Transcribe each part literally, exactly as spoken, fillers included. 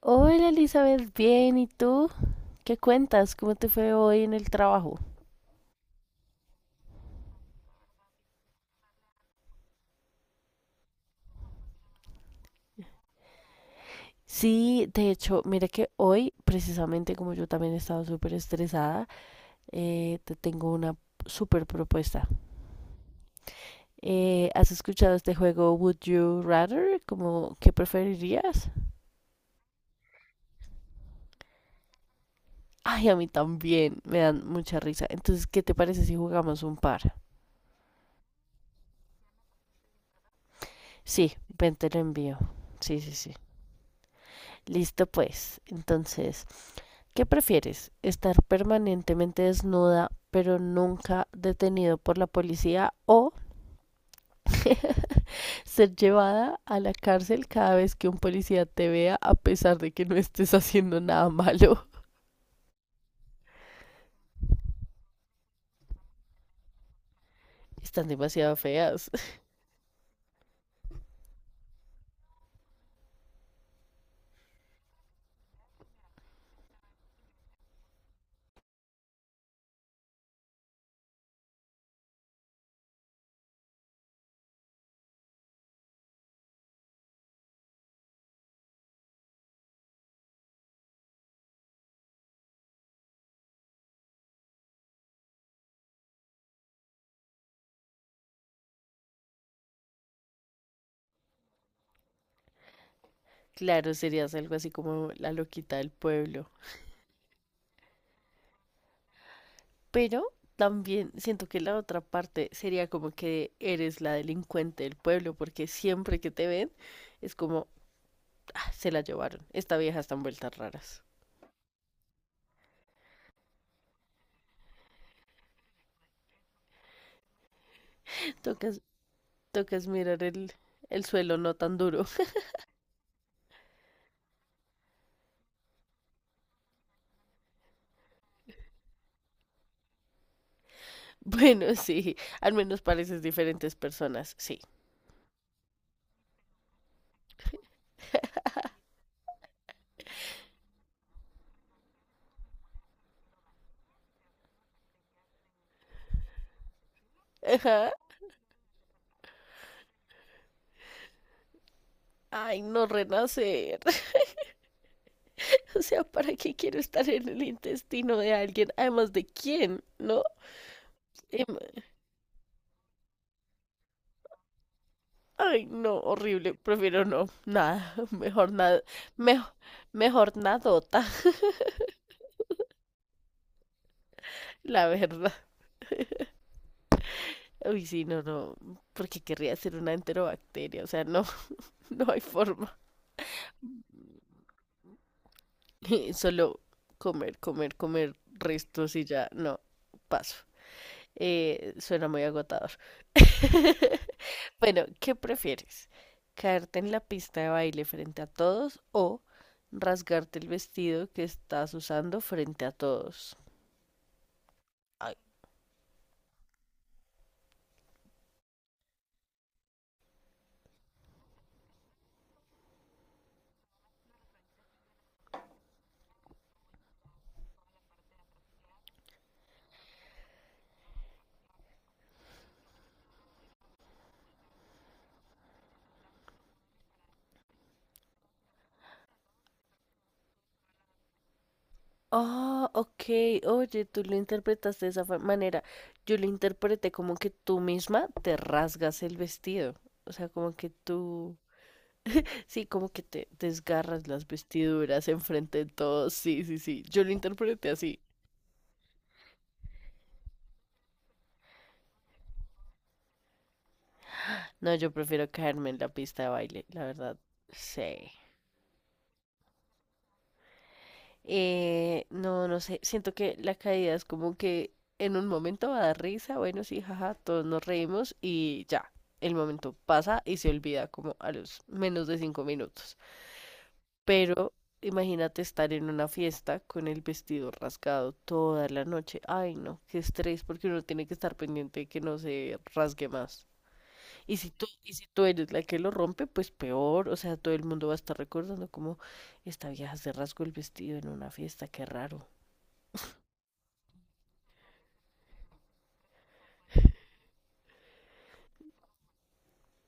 Hola Elizabeth, bien, ¿y tú? ¿Qué cuentas? ¿Cómo te fue hoy en el trabajo? Sí, de hecho, mira que hoy, precisamente como yo también he estado súper estresada, eh, te tengo una súper propuesta. Eh, ¿has escuchado este juego Would You Rather? Como, ¿qué preferirías? Ay, a mí también, me dan mucha risa. Entonces, ¿qué te parece si jugamos un par? Sí, ven, te lo envío. Sí, sí, sí. Listo, pues. Entonces, ¿qué prefieres? ¿Estar permanentemente desnuda pero nunca detenido por la policía o ser llevada a la cárcel cada vez que un policía te vea a pesar de que no estés haciendo nada malo? Están demasiado feas. Claro, serías algo así como la loquita del pueblo. Pero también siento que la otra parte sería como que eres la delincuente del pueblo porque siempre que te ven es como ah, se la llevaron. Esta vieja está en vueltas raras. Tocas Tocas mirar el, el suelo no tan duro. Bueno, sí, al menos pareces diferentes personas, sí. Ajá. Ay, no renacer. O sea, ¿para qué quiero estar en el intestino de alguien? Además de quién, ¿no? Em, ay, no, horrible. Prefiero no. Nada. Mejor nada. Mejor, mejor nadota, la verdad. Uy, sí, no, no. Porque querría ser una enterobacteria. O sea, no, no hay forma. Solo comer, comer, comer restos y ya, no, paso. Eh, suena muy agotador. Bueno, ¿qué prefieres? ¿Caerte en la pista de baile frente a todos o rasgarte el vestido que estás usando frente a todos? Ay. Ah, ok, oye, tú lo interpretaste de esa fa- manera. Yo lo interpreté como que tú misma te rasgas el vestido. O sea, como que tú... Sí, como que te desgarras las vestiduras enfrente de todos. Sí, sí, sí. Yo lo interpreté así. No, yo prefiero caerme en la pista de baile, la verdad. Sí. Eh, no, no sé. Siento que la caída es como que en un momento va a dar risa. Bueno, sí, jaja, todos nos reímos y ya. El momento pasa y se olvida como a los menos de cinco minutos. Pero imagínate estar en una fiesta con el vestido rasgado toda la noche. Ay, no, qué estrés, porque uno tiene que estar pendiente de que no se rasgue más. Y si tú, y si tú eres la que lo rompe, pues peor. O sea, todo el mundo va a estar recordando como esta vieja se rasgó el vestido en una fiesta, qué raro.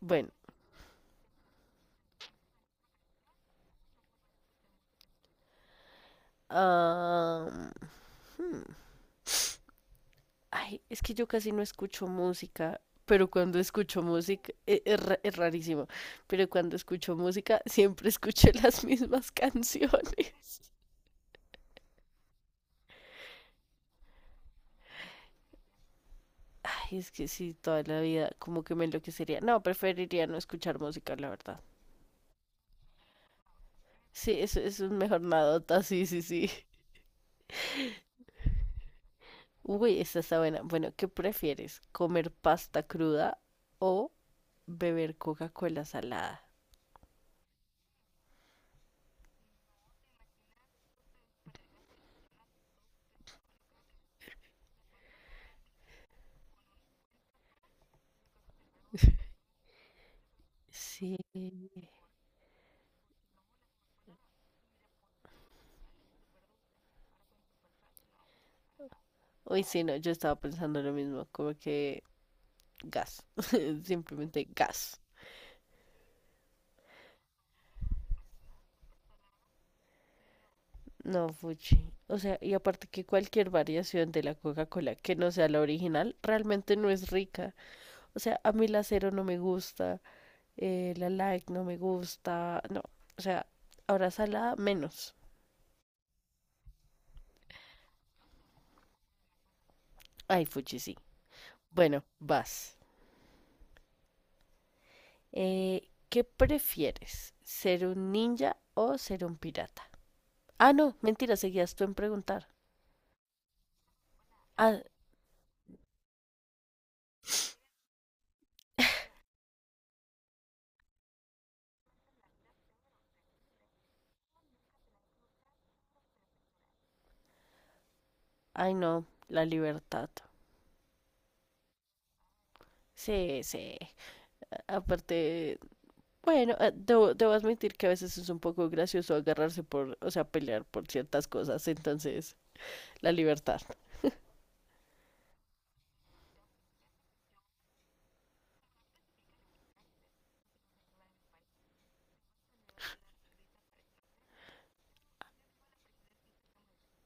Bueno, ah, hmm. Ay, es que yo casi no escucho música, pero cuando escucho música, e- es, ra- es rarísimo, pero cuando escucho música siempre escucho las mismas canciones. Ay, es que sí, toda la vida como que me enloquecería. No, preferiría no escuchar música, la verdad. Sí, eso eso es mejor nadota, sí, sí, sí. Uy, esta está buena. Bueno, ¿qué prefieres? ¿Comer pasta cruda o beber Coca-Cola salada? Sí. Uy, sí, no, yo estaba pensando lo mismo, como que gas, simplemente gas. No, fuchi. O sea, y aparte que cualquier variación de la Coca-Cola que no sea la original realmente no es rica. O sea, a mí la cero no me gusta, eh, la like no me gusta, no. O sea, ahora salada menos. Ay, fuchi, sí. Bueno, vas. Eh, ¿qué prefieres? ¿Ser un ninja o ser un pirata? Ah, no, mentira, seguías tú en preguntar. Ah, ay, no, la libertad. Sí, sí, aparte, bueno, eh, debo, debo admitir que a veces es un poco gracioso agarrarse por, o sea, pelear por ciertas cosas. Entonces, la libertad.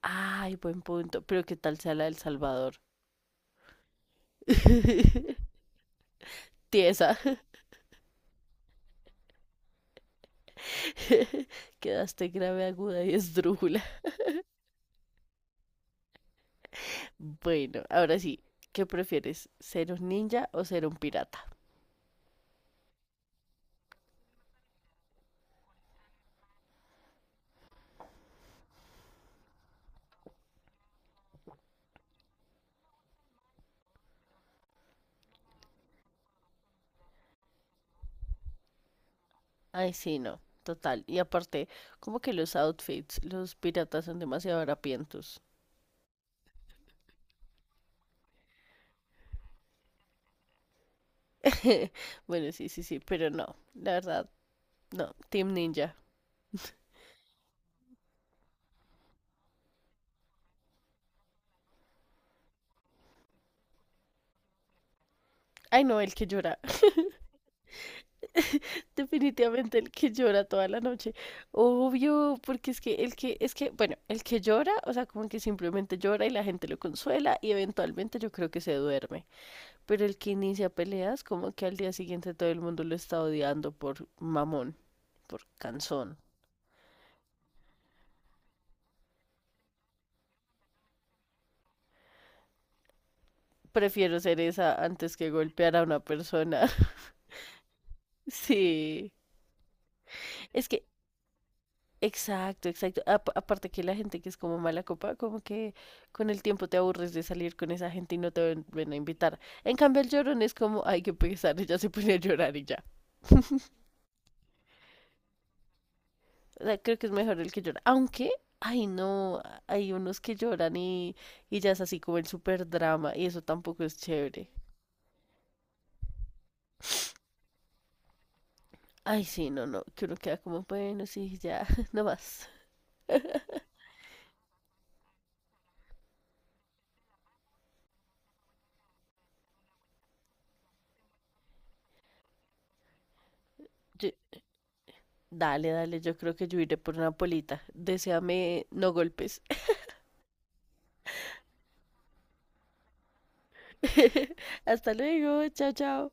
Ay, buen punto. Pero qué tal sea la del Salvador. Tiesa, quedaste grave, aguda y esdrújula. Bueno, ahora sí, ¿qué prefieres? ¿Ser un ninja o ser un pirata? Ay, sí, no, total. Y aparte, como que los outfits, los piratas son demasiado harapientos. Bueno, sí, sí, sí, pero no, la verdad, no, Team Ninja. Ay, no, el que llora. Definitivamente el que llora toda la noche. Obvio, porque es que el que, es que, bueno, el que llora, o sea, como que simplemente llora y la gente lo consuela y eventualmente yo creo que se duerme. Pero el que inicia peleas, como que al día siguiente todo el mundo lo está odiando por mamón, por cansón. Prefiero ser esa antes que golpear a una persona. Sí. Es que exacto, exacto. Ap- aparte que la gente que es como mala copa, como que con el tiempo te aburres de salir con esa gente y no te ven- ven a invitar. En cambio, el llorón es como, ay, qué pesar, ella se pone a llorar y ya. O sea, creo que es mejor el que llora. Aunque, ay, no, a- hay unos que lloran y, y ya es así como el super drama y eso tampoco es chévere. Ay, sí, no, no, que uno queda como, bueno, sí, ya, no más. Yo- dale, dale, yo creo que yo iré por una polita. Deseame no golpes. Hasta luego, chao, chao.